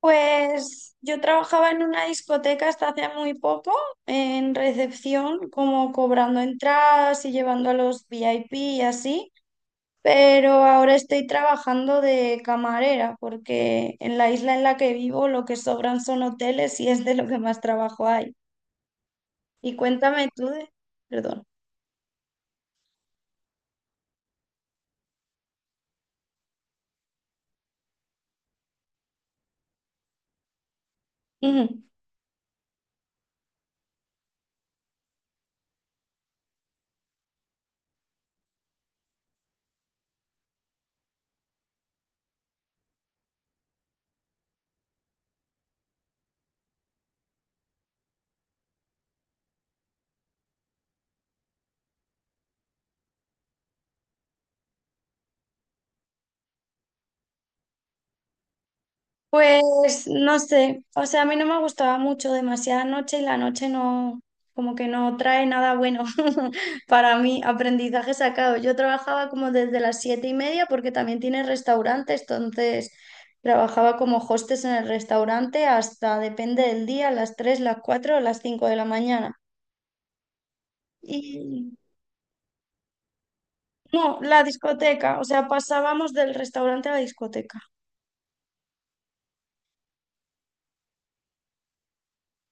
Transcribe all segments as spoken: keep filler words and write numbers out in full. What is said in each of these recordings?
Pues yo trabajaba en una discoteca hasta hace muy poco, en recepción, como cobrando entradas y llevando a los VIP y así, pero ahora estoy trabajando de camarera porque en la isla en la que vivo lo que sobran son hoteles y es de lo que más trabajo hay. Y cuéntame tú de... Perdón. Ujú. Pues no sé, o sea, a mí no me gustaba mucho demasiada noche y la noche no, como que no trae nada bueno para mí, aprendizaje sacado. Yo trabajaba como desde las siete y media porque también tiene restaurantes, entonces trabajaba como hostes en el restaurante hasta, depende del día, las tres, las cuatro o las cinco de la mañana. Y no, la discoteca, o sea, pasábamos del restaurante a la discoteca.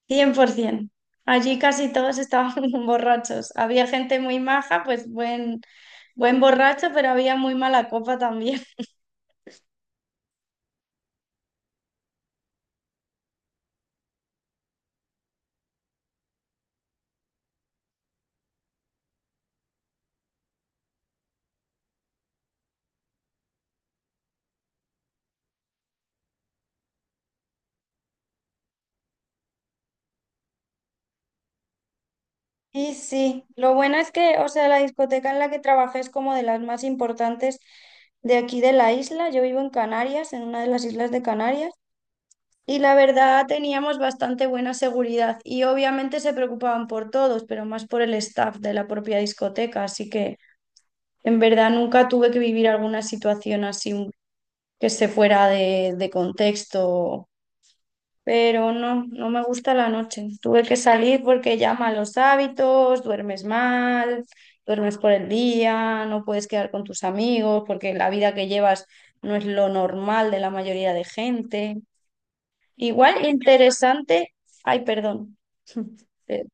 cien por ciento. Allí casi todos estaban borrachos. Había gente muy maja, pues buen, buen borracho, pero había muy mala copa también. Y sí, lo bueno es que, o sea, la discoteca en la que trabajé es como de las más importantes de aquí de la isla. Yo vivo en Canarias, en una de las islas de Canarias, y la verdad teníamos bastante buena seguridad y obviamente se preocupaban por todos, pero más por el staff de la propia discoteca, así que en verdad nunca tuve que vivir alguna situación así que esté fuera de, de contexto, pero no, no me gusta la noche. Tuve que salir porque ya malos hábitos, duermes mal, duermes por el día, no puedes quedar con tus amigos porque la vida que llevas no es lo normal de la mayoría de gente. Igual interesante, ay, perdón, Eh,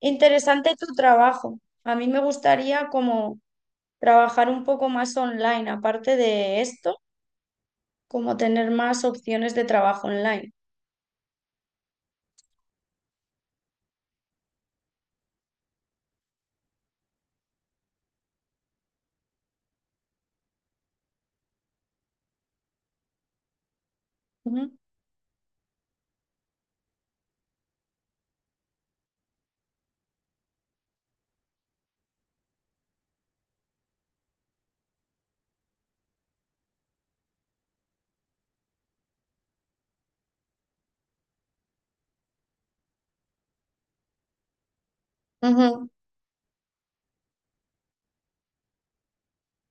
interesante tu trabajo. A mí me gustaría como trabajar un poco más online, aparte de esto, como tener más opciones de trabajo online. Ujú, ujú,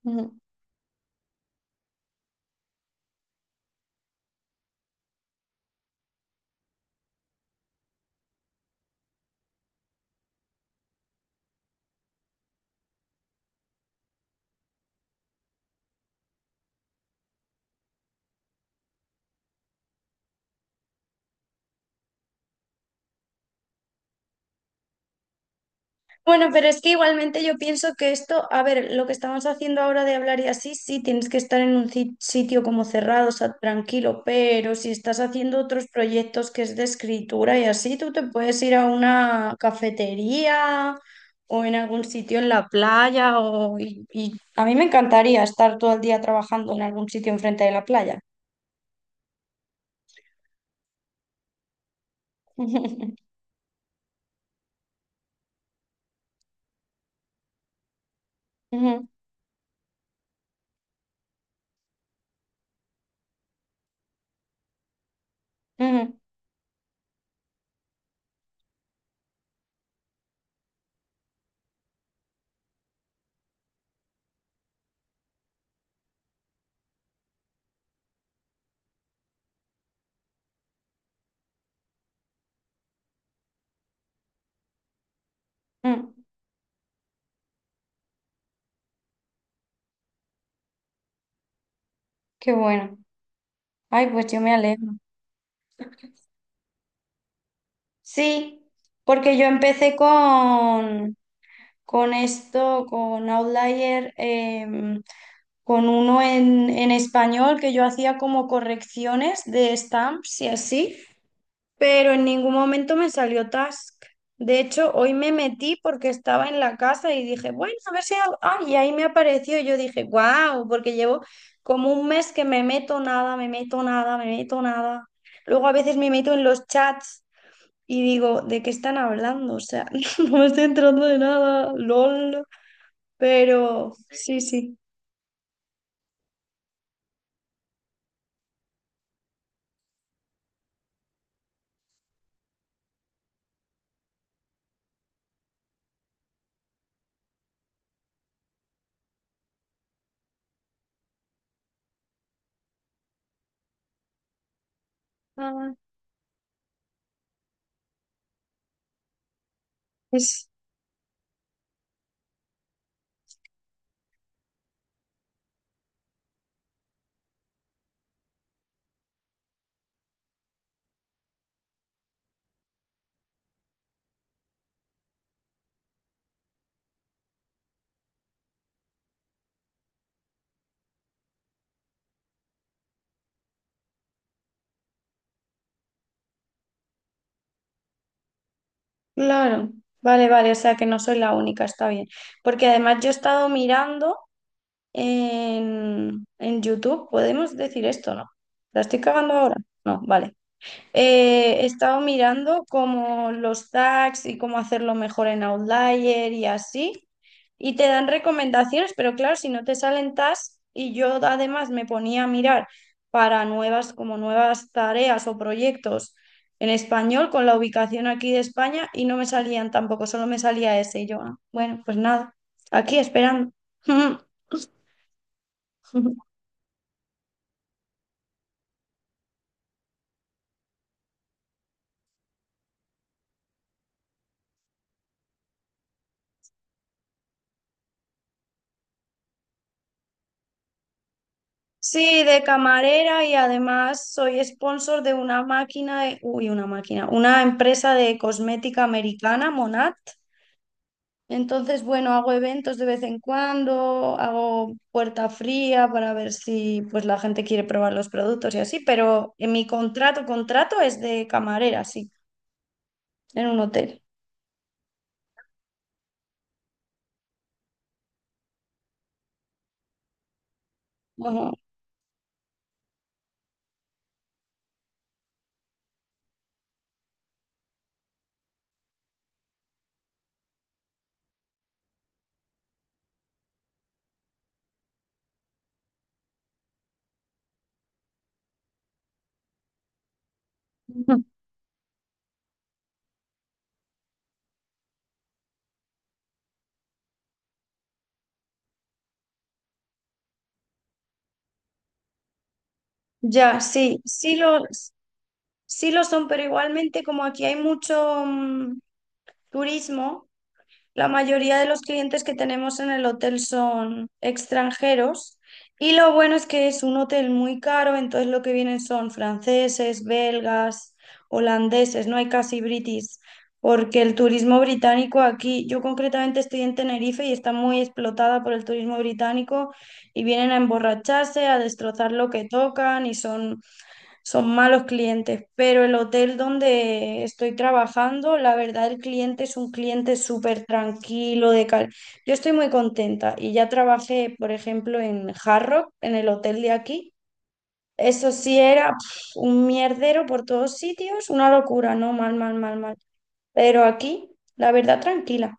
ujú. Bueno, pero es que igualmente yo pienso que esto, a ver, lo que estamos haciendo ahora de hablar y así, sí, tienes que estar en un ci- sitio como cerrado, o sea, tranquilo, pero si estás haciendo otros proyectos que es de escritura y así, tú te puedes ir a una cafetería o en algún sitio en la playa o, y, y a mí me encantaría estar todo el día trabajando en algún sitio enfrente de la playa. Ujú, ujú, ujú. Qué bueno. Ay, pues yo me alegro. Sí, porque yo empecé con, con esto, con Outlier, em, con uno en, en español que yo hacía como correcciones de stamps y así, pero en ningún momento me salió task. De hecho, hoy me metí porque estaba en la casa y dije, bueno, a ver si... hago-". Ah, y ahí me apareció y yo dije, wow, porque llevo como un mes que me meto nada, me meto nada, me meto nada. Luego a veces me meto en los chats y digo, ¿de qué están hablando? O sea, no me estoy enterando de nada, lol. Pero sí, sí. Ah, es claro. Vale, vale, o sea que no soy la única, está bien. Porque además yo he estado mirando en, en YouTube, podemos decir esto, ¿no? ¿La estoy cagando ahora? No, vale. Eh, he estado mirando como los tags y cómo hacerlo mejor en Outlier y así. Y te dan recomendaciones, pero claro, si no te salen tags, y yo además me ponía a mirar para nuevas, como nuevas tareas o proyectos en español con la ubicación aquí de España y no me salían tampoco, solo me salía ese. Y yo, ah, bueno, pues nada, aquí esperando. Sí, de camarera y además soy sponsor de una máquina, de- uy, una máquina, una empresa de cosmética americana, Monat. Entonces, bueno, hago eventos de vez en cuando, hago puerta fría para ver si pues la gente quiere probar los productos y así, pero en mi contrato, contrato es de camarera, sí, en un hotel. Ajá. Ujú. Ya, sí, sí lo, sí lo son, pero igualmente como aquí hay mucho mm, turismo. La mayoría de los clientes que tenemos en el hotel son extranjeros y lo bueno es que es un hotel muy caro, entonces lo que vienen son franceses, belgas, holandeses, no hay casi britis, porque el turismo británico aquí, yo concretamente estoy en Tenerife y está muy explotada por el turismo británico y vienen a emborracharse, a destrozar lo que tocan y son son malos clientes, pero el hotel donde estoy trabajando, la verdad el cliente es un cliente súper tranquilo, de cal... Yo estoy muy contenta y ya trabajé, por ejemplo, en Hard Rock, en el hotel de aquí. Eso sí era pf, un mierdero por todos sitios, una locura, ¿no? Mal, mal, mal, mal. Pero aquí, la verdad, tranquila.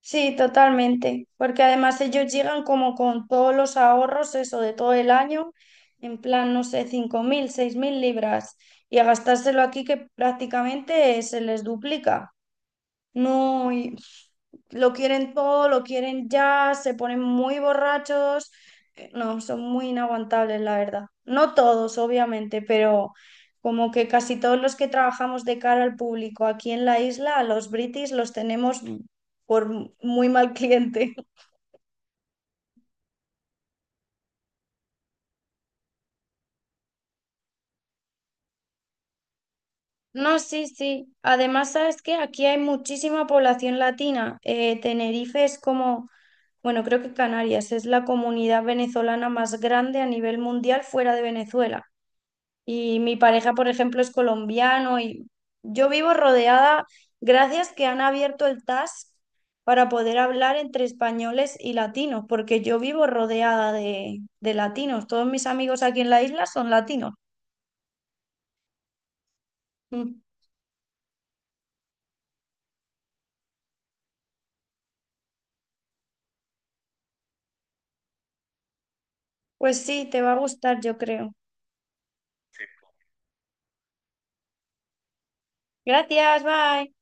Sí, totalmente, porque además ellos llegan como con todos los ahorros, eso de todo el año, en plan, no sé, cinco mil, seis mil libras, y a gastárselo aquí que prácticamente se les duplica. No, y lo quieren todo, lo quieren ya, se ponen muy borrachos. Eh, No, son muy inaguantables, la verdad. No todos, obviamente, pero como que casi todos los que trabajamos de cara al público aquí en la isla, a los british los tenemos por muy mal cliente. No, sí, sí. Además, sabes que aquí hay muchísima población latina. Eh, Tenerife es como, bueno, creo que Canarias es la comunidad venezolana más grande a nivel mundial fuera de Venezuela. Y mi pareja, por ejemplo, es colombiano y yo vivo rodeada, gracias que han abierto el tas para poder hablar entre españoles y latinos, porque yo vivo rodeada de, de latinos. Todos mis amigos aquí en la isla son latinos. Mm. Pues sí, te va a gustar, yo creo. Gracias, bye.